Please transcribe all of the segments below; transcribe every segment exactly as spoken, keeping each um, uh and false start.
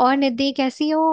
और निधि कैसी हो।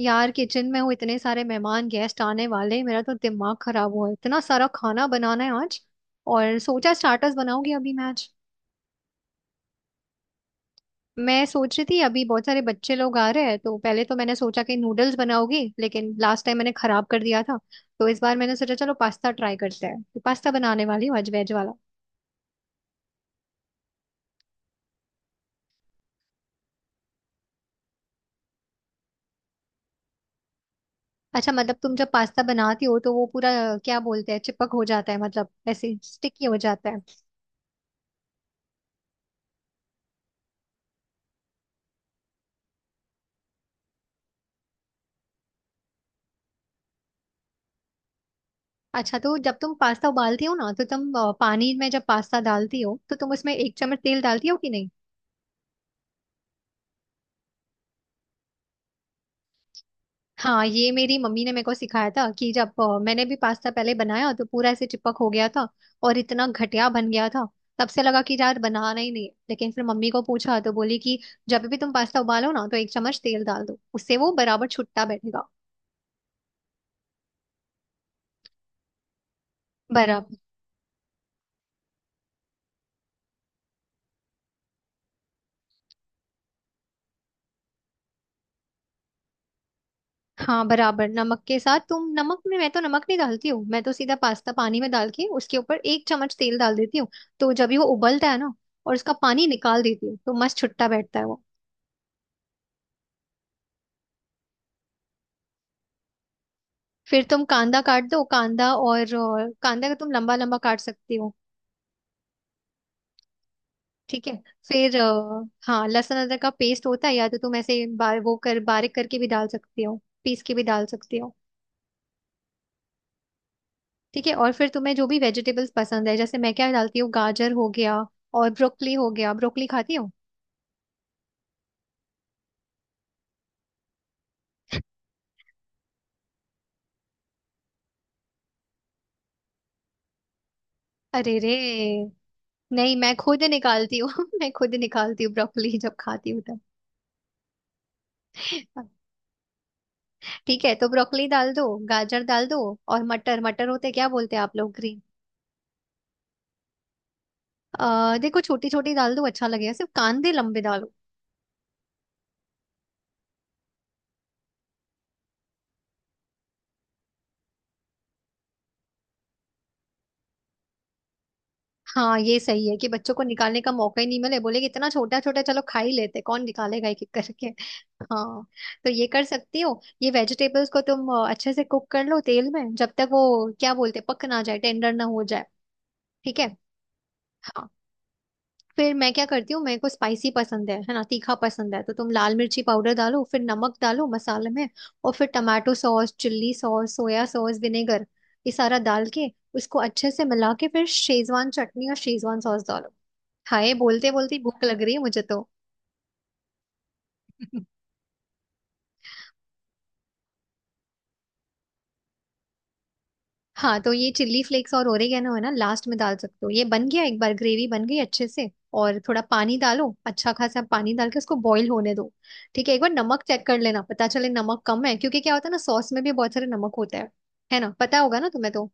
यार किचन में हूँ, इतने सारे मेहमान गेस्ट आने वाले हैं, मेरा तो दिमाग खराब हुआ है, इतना सारा खाना बनाना है आज। और सोचा स्टार्टर्स बनाऊंगी अभी मैं आज। मैं सोच रही थी अभी बहुत सारे बच्चे लोग आ रहे हैं, तो पहले तो मैंने सोचा कि नूडल्स बनाऊंगी लेकिन लास्ट टाइम मैंने खराब कर दिया था। तो इस बार मैंने सोचा चलो पास्ता ट्राई करते हैं, तो पास्ता बनाने वाली हूँ आज, वेज वाला। अच्छा मतलब तुम जब पास्ता बनाती हो तो वो पूरा क्या बोलते हैं, चिपक हो जाता है, मतलब ऐसे स्टिकी हो जाता है। अच्छा तो जब तुम पास्ता उबालती हो ना तो तुम अ, पानी में जब पास्ता डालती हो तो तुम उसमें एक चम्मच तेल डालती हो कि नहीं। हाँ, ये मेरी मम्मी ने मेरे को सिखाया था कि जब अ, मैंने भी पास्ता पहले बनाया तो पूरा ऐसे चिपक हो गया था। और इतना घटिया बन गया था। तब से लगा कि यार बनाना ही नहीं है। लेकिन फिर मम्मी को पूछा तो बोली कि जब भी तुम पास्ता उबालो ना तो एक चम्मच तेल डाल दो, उससे वो बराबर छुट्टा बैठेगा। बराबर। हाँ बराबर, नमक के साथ तुम नमक में, मैं तो नमक नहीं डालती हूँ, मैं तो सीधा पास्ता पानी में डाल के उसके ऊपर एक चम्मच तेल डाल देती हूँ। तो जब ही वो उबलता है ना, और उसका पानी निकाल देती हूँ, तो मस्त छुट्टा बैठता है वो। फिर तुम कांदा काट दो, कांदा, और अ, कांदा का तुम लंबा लंबा काट सकती हो। ठीक है। फिर अ, हाँ, लहसुन अदरक का पेस्ट होता है, या तो तुम ऐसे बा, वो कर बारीक करके भी डाल सकती हो। पीस के भी डाल सकती हो। ठीक है, और फिर तुम्हें जो भी वेजिटेबल्स पसंद है, जैसे मैं क्या डालती हूँ, गाजर हो गया। और ब्रोकली हो गया। ब्रोकली खाती हो। अरे रे। नहीं, मैं खुद निकालती हूँ मैं खुद निकालती हूँ ब्रोकली, जब खाती हूँ तब। ठीक है तो ब्रोकली डाल दो, गाजर डाल दो। और मटर, मटर होते हैं, क्या बोलते हैं आप लोग, ग्रीन। अः देखो छोटी छोटी डाल दो, अच्छा लगेगा, सिर्फ कांदे लंबे डालो। हाँ ये सही है कि बच्चों को निकालने का मौका ही नहीं मिले, बोले कि इतना छोटा छोटा चलो खा ही लेते, कौन निकालेगा एक एक करके हाँ। तो ये कर सकती हो, ये वेजिटेबल्स को तुम अ, अच्छे से कुक कर लो तेल में, जब तक वो क्या बोलते हैं, पक ना जाए, टेंडर ना हो जाए। ठीक है। फिर मैं क्या करती हूँ, मेरे को स्पाइसी पसंद है है ना, तीखा पसंद है, तो तुम लाल मिर्ची पाउडर डालो, फिर नमक डालो मसाले में। और फिर tomato sauce, chilli sauce, soya sauce, vinegar, ये सारा डाल के उसको अच्छे से मिला के फिर शेजवान चटनी और शेजवान सॉस डालो। हाय बोलते बोलते भूख लग रही है मुझे तो। हाँ तो ये चिल्ली फ्लेक्स और ओरिगेनो है ना, लास्ट में डाल सकते हो। ये बन गया, एक बार ग्रेवी बन गई अच्छे से। और थोड़ा पानी डालो, अच्छा खासा पानी डाल के उसको बॉईल होने दो। ठीक है, एक बार नमक चेक कर लेना, पता चले नमक कम है, क्योंकि क्या होता है ना, सॉस में भी बहुत सारे नमक होता है। है ना, पता होगा ना तुम्हें तो।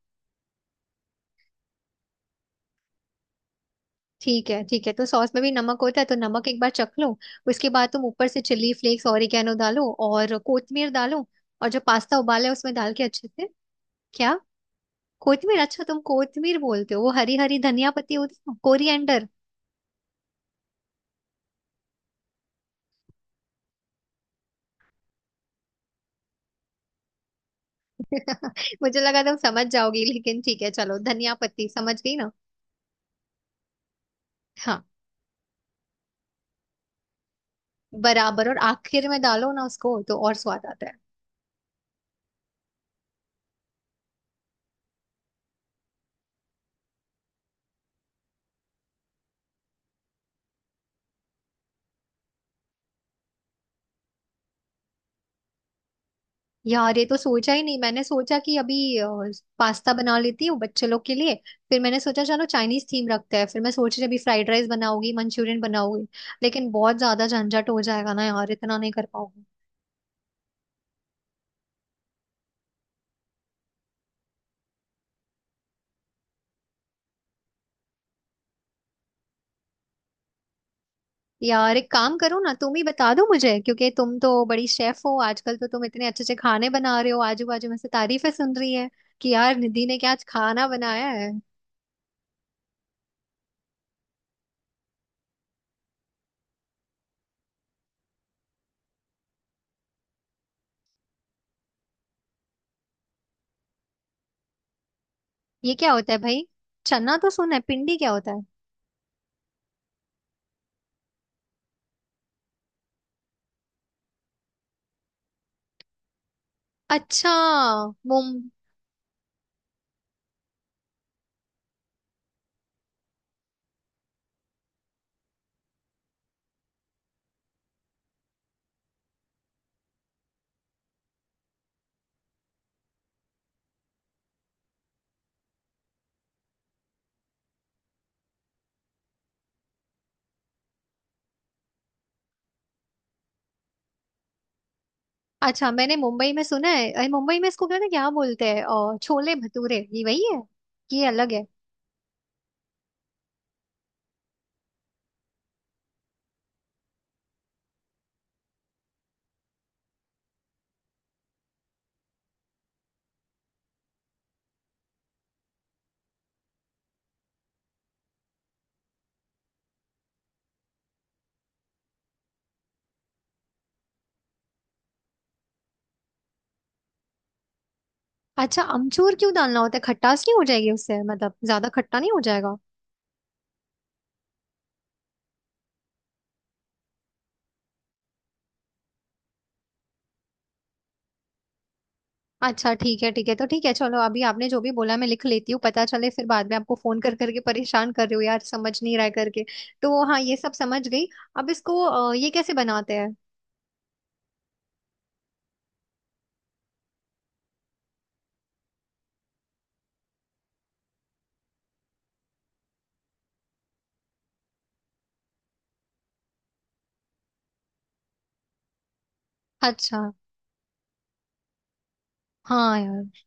ठीक है ठीक है, तो सॉस में भी नमक होता है, तो नमक एक बार चख लो। उसके बाद तुम ऊपर से चिल्ली फ्लेक्स, ओरिगेनो डालो और कोथमीर डालो। और जो पास्ता उबाला है उसमें डाल के अच्छे से। क्या? कोथमीर, अच्छा तुम कोथमीर बोलते हो, वो हरी हरी धनिया पत्ती होती है, कोरिएंडर। मुझे लगा तुम समझ जाओगी, लेकिन ठीक है चलो, धनिया पत्ती समझ गई ना। हाँ बराबर, और आखिर में डालो ना उसको तो और स्वाद आता है। यार ये तो सोचा ही नहीं, मैंने सोचा कि अभी अ, पास्ता बना लेती हूँ बच्चे लोग के लिए। फिर मैंने सोचा चलो चाइनीज थीम रखते हैं, फिर मैं सोच रही अभी फ्राइड राइस बनाऊंगी, मंचूरियन बनाऊंगी। लेकिन बहुत ज्यादा झंझट हो जाएगा ना यार, इतना नहीं कर पाऊंगी। यार एक काम करो ना, तुम ही बता दो मुझे, क्योंकि तुम तो बड़ी शेफ हो आजकल, तो तुम इतने अच्छे अच्छे खाने बना रहे हो, आजू बाजू में से तारीफें सुन रही है कि यार निधि ने क्या आज खाना बनाया है। ये क्या होता है भाई, चना तो सुना है, पिंडी क्या होता है। अच्छा। मुम अच्छा मैंने मुंबई में सुना है, अरे मुंबई में इसको क्या ना क्या बोलते हैं, और छोले भटूरे, ये वही है कि ये अलग है। अच्छा अमचूर क्यों डालना होता है, खटास नहीं हो जाएगी उससे, मतलब ज्यादा खट्टा नहीं हो जाएगा। अच्छा ठीक है ठीक है, तो ठीक है चलो, अभी आपने जो भी बोला मैं लिख लेती हूँ, पता चले फिर बाद में आपको फोन कर करके परेशान कर रही हूँ यार, समझ नहीं रहा है करके। तो हाँ ये सब समझ गई। अब इसको अ, ये कैसे बनाते हैं। अच्छा। हाँ यार।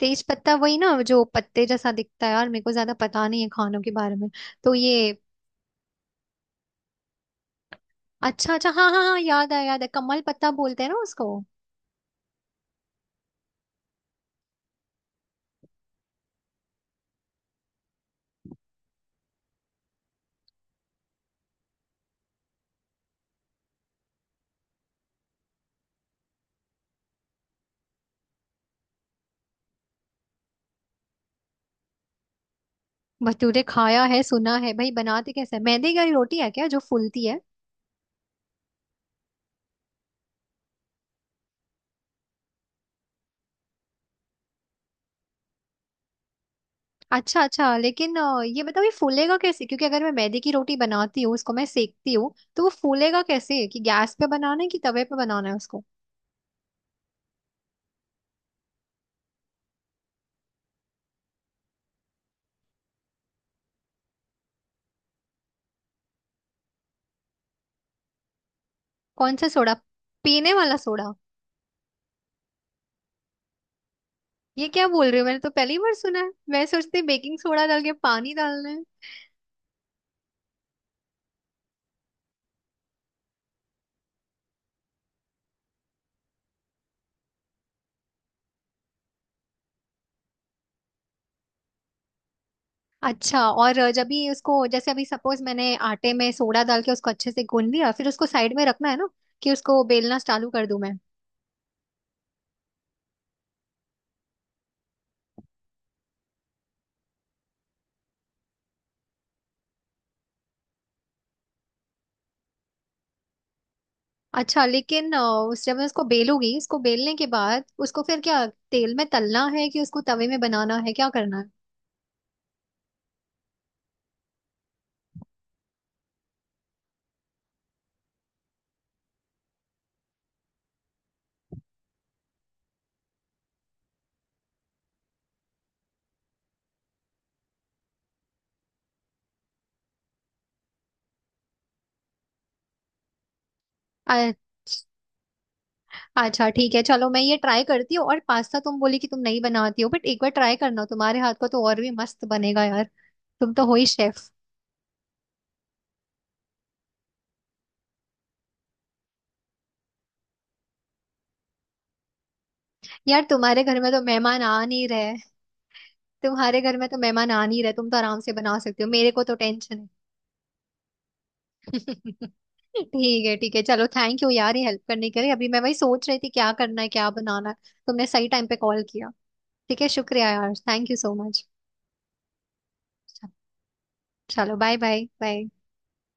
तेज पत्ता वही ना जो पत्ते जैसा दिखता है, यार मेरे को ज्यादा पता नहीं है खानों के बारे में। तो ये। अच्छा अच्छा, हाँ हाँ हाँ, याद आया, याद है, कमल पत्ता बोलते हैं ना उसको। भटूरे खाया है, सुना है भाई, बनाते कैसे, मैदे की रोटी है क्या, जो फूलती है। अच्छा अच्छा, लेकिन अ, ये बताओ, ये फूलेगा कैसे, क्योंकि अगर मैं मैदे की रोटी बनाती हूँ उसको मैं सेकती हूँ तो वो फूलेगा कैसे, कि गैस पे बनाना है कि तवे पे बनाना है उसको। कौन सा सोडा? पीने वाला सोडा? ये क्या बोल रही हो, मैंने तो पहली बार सुना है, मैं सोचती बेकिंग सोडा डाल के पानी डालना है। अच्छा और अ, जब भी उसको, जैसे अभी सपोज मैंने आटे में सोडा डाल के उसको अच्छे से गूंद लिया, फिर उसको साइड में रखना है ना कि उसको बेलना चालू कर दूं मैं। अच्छा लेकिन अ, उस जब मैं उसको बेलूंगी, इसको बेलने के बाद उसको फिर क्या, तेल में तलना है कि उसको तवे में बनाना है, क्या करना है। अ- अच्छा ठीक है चलो, मैं ये ट्राई करती हूँ। और पास्ता तुम बोली कि तुम नहीं बनाती हो, बट एक बार ट्राई करना, तुम्हारे हाथ का तो और भी मस्त बनेगा यार, तुम तो हो ही शेफ। यार तुम्हारे घर में तो मेहमान आ नहीं रहे, तुम्हारे घर में तो मेहमान आ नहीं रहे, तुम तो आराम से बना सकती हो, मेरे को तो टेंशन है। ठीक है ठीक है, चलो थैंक यू यार ये हेल्प करने के लिए, अभी मैं वही सोच रही थी क्या करना है क्या बनाना है, तुमने सही टाइम पे कॉल किया। ठीक है, शुक्रिया यार, थैंक यू सो मच। चलो बाय बाय बाय।